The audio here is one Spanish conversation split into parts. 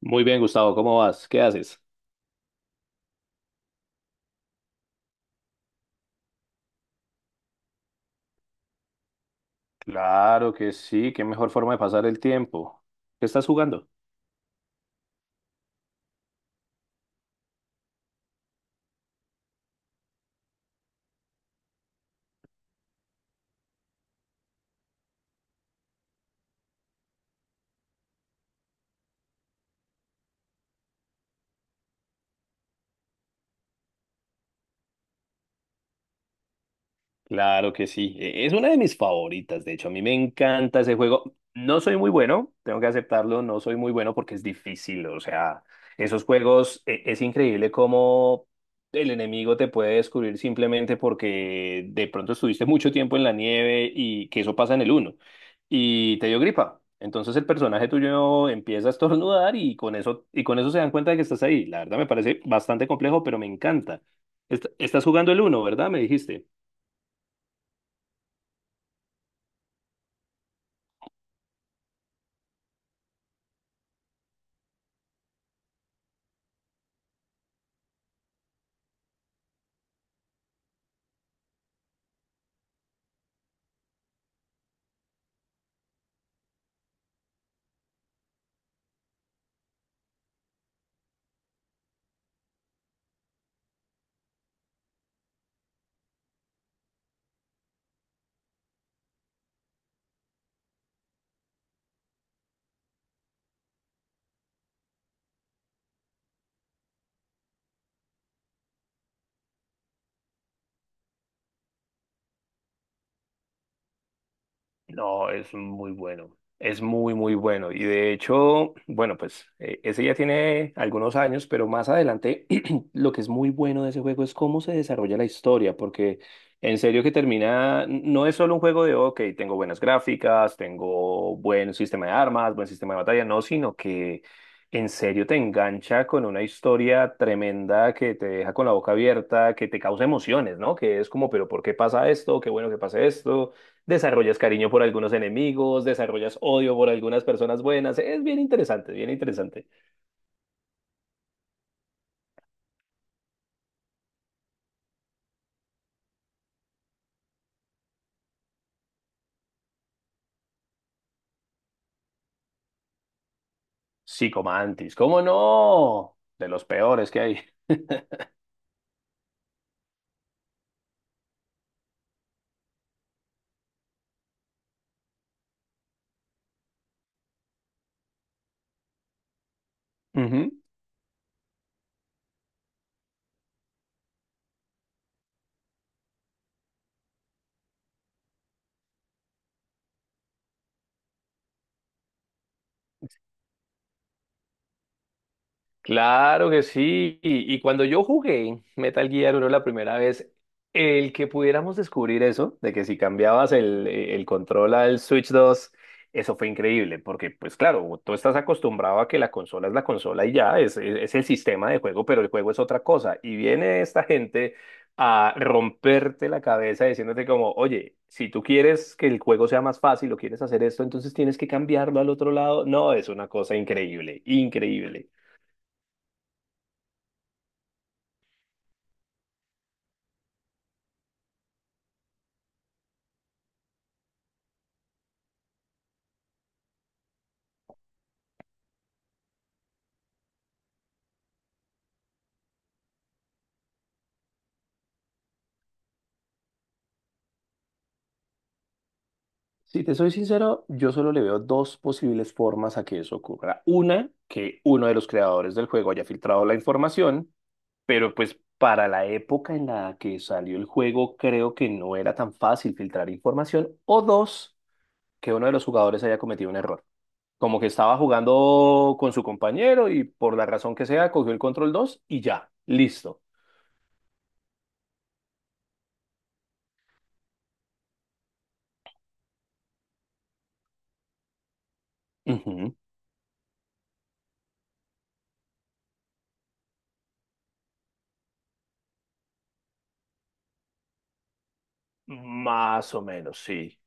Muy bien, Gustavo, ¿cómo vas? ¿Qué haces? Claro que sí, qué mejor forma de pasar el tiempo. ¿Qué estás jugando? Claro que sí, es una de mis favoritas, de hecho, a mí me encanta ese juego. No soy muy bueno, tengo que aceptarlo, no soy muy bueno porque es difícil, o sea, esos juegos es increíble cómo el enemigo te puede descubrir simplemente porque de pronto estuviste mucho tiempo en la nieve y que eso pasa en el uno y te dio gripa. Entonces el personaje tuyo empieza a estornudar y con eso se dan cuenta de que estás ahí. La verdad me parece bastante complejo, pero me encanta. ¿Estás jugando el uno, verdad? Me dijiste. No, es muy bueno. Es muy bueno. Y de hecho, bueno, pues ese ya tiene algunos años, pero más adelante lo que es muy bueno de ese juego es cómo se desarrolla la historia, porque en serio que termina, no es solo un juego de, ok, tengo buenas gráficas, tengo buen sistema de armas, buen sistema de batalla, no, sino que en serio te engancha con una historia tremenda que te deja con la boca abierta, que te causa emociones, ¿no? Que es como, pero ¿por qué pasa esto? Qué bueno que pase esto. Desarrollas cariño por algunos enemigos, desarrollas odio por algunas personas buenas. Es bien interesante, bien interesante. Psicomantis, ¿cómo no? De los peores que hay. Ujú. Claro que sí. Y cuando yo jugué Metal Gear 1 la primera vez, el que pudiéramos descubrir eso, de que si cambiabas el control al Switch dos, eso fue increíble, porque pues claro, tú estás acostumbrado a que la consola es la consola y ya, es el sistema de juego, pero el juego es otra cosa. Y viene esta gente a romperte la cabeza diciéndote como, oye, si tú quieres que el juego sea más fácil o quieres hacer esto, entonces tienes que cambiarlo al otro lado. No, es una cosa increíble, increíble. Si te soy sincero, yo solo le veo dos posibles formas a que eso ocurra. Una, que uno de los creadores del juego haya filtrado la información, pero pues para la época en la que salió el juego creo que no era tan fácil filtrar información. O dos, que uno de los jugadores haya cometido un error. Como que estaba jugando con su compañero y por la razón que sea cogió el control 2 y ya, listo. Ujú. Más o menos, sí.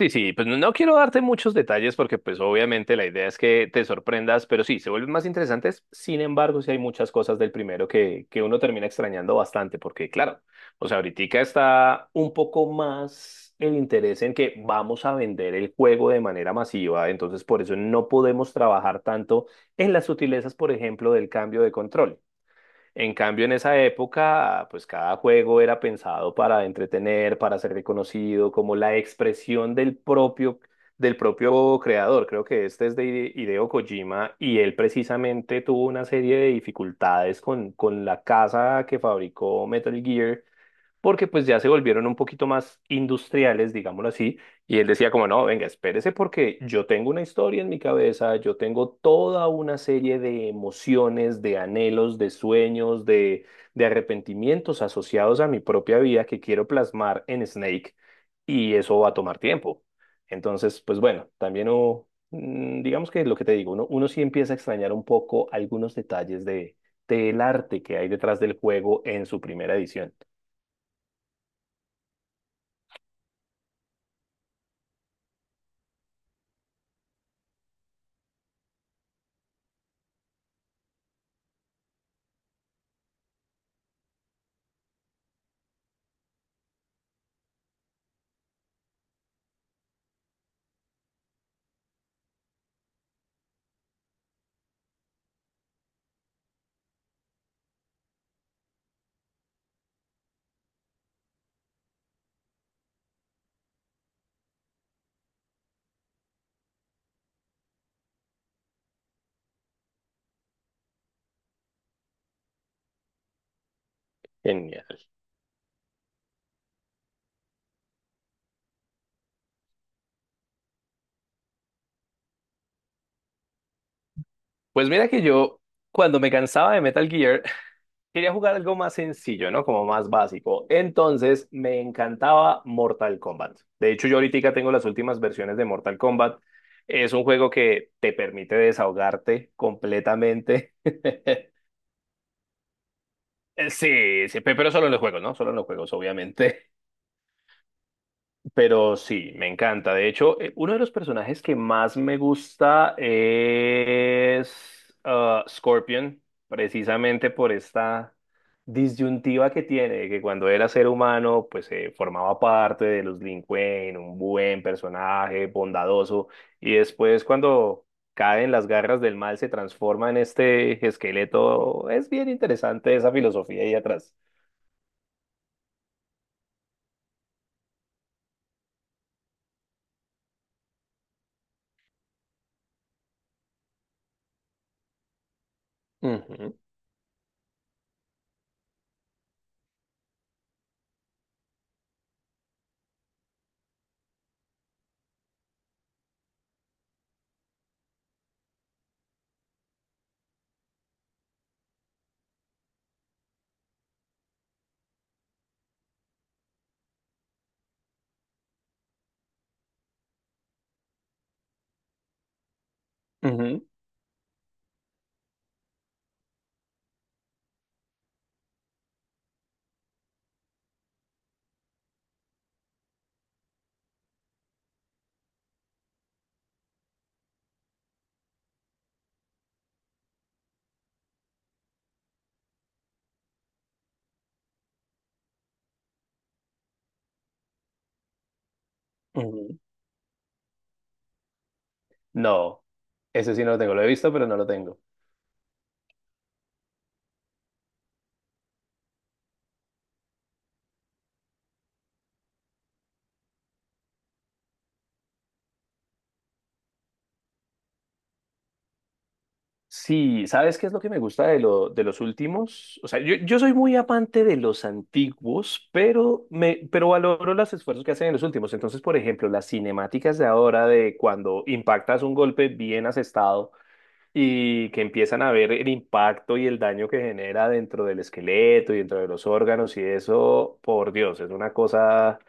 Sí, sí, pues no quiero darte muchos detalles porque pues obviamente la idea es que te sorprendas, pero sí, se vuelven más interesantes. Sin embargo, sí hay muchas cosas del primero que uno termina extrañando bastante porque claro, o sea, ahorita está un poco más el interés en que vamos a vender el juego de manera masiva, entonces por eso no podemos trabajar tanto en las sutilezas, por ejemplo, del cambio de control. En cambio, en esa época, pues cada juego era pensado para entretener, para ser reconocido, como la expresión del propio creador. Creo que este es de Hideo Kojima y él precisamente tuvo una serie de dificultades con la casa que fabricó Metal Gear porque pues ya se volvieron un poquito más industriales, digámoslo así, y él decía como, no, venga, espérese porque yo tengo una historia en mi cabeza, yo tengo toda una serie de emociones, de anhelos, de sueños, de arrepentimientos asociados a mi propia vida que quiero plasmar en Snake, y eso va a tomar tiempo. Entonces, pues bueno, también hubo, digamos que lo que te digo, uno sí empieza a extrañar un poco algunos detalles de, del arte que hay detrás del juego en su primera edición. Genial. Pues mira que yo, cuando me cansaba de Metal Gear, quería jugar algo más sencillo, ¿no? Como más básico. Entonces me encantaba Mortal Kombat. De hecho, yo ahorita tengo las últimas versiones de Mortal Kombat. Es un juego que te permite desahogarte completamente. Sí, sí, pero solo en los juegos, ¿no? Solo en los juegos, obviamente. Pero sí, me encanta. De hecho, uno de los personajes que más me gusta es ah, Scorpion, precisamente por esta disyuntiva que tiene, que cuando era ser humano, pues formaba parte de los Lin Kuei, un buen personaje, bondadoso, y después cuando cae en las garras del mal, se transforma en este esqueleto. Es bien interesante esa filosofía ahí atrás. Ujú, ujú, ujú. No, ese sí no lo tengo. Lo he visto, pero no lo tengo. Sí, ¿sabes qué es lo que me gusta de, lo, de los últimos? O sea, yo soy muy amante de los antiguos, pero, me, pero valoro los esfuerzos que hacen en los últimos. Entonces, por ejemplo, las cinemáticas de ahora de cuando impactas un golpe bien asestado y que empiezan a ver el impacto y el daño que genera dentro del esqueleto y dentro de los órganos y eso, por Dios, es una cosa,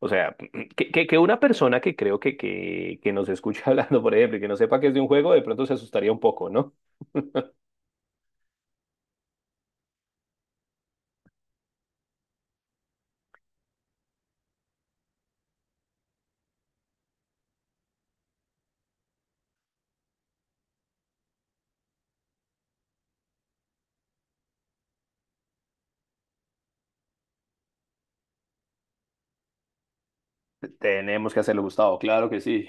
o sea, que una persona que creo que nos escucha hablando, por ejemplo, y que no sepa que es de un juego, de pronto se asustaría un poco, ¿no? Tenemos que hacerlo, Gustavo, claro que sí,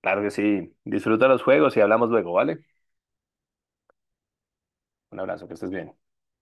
claro que sí. Disfruta los juegos y hablamos luego, ¿vale? Un abrazo, que estés bien.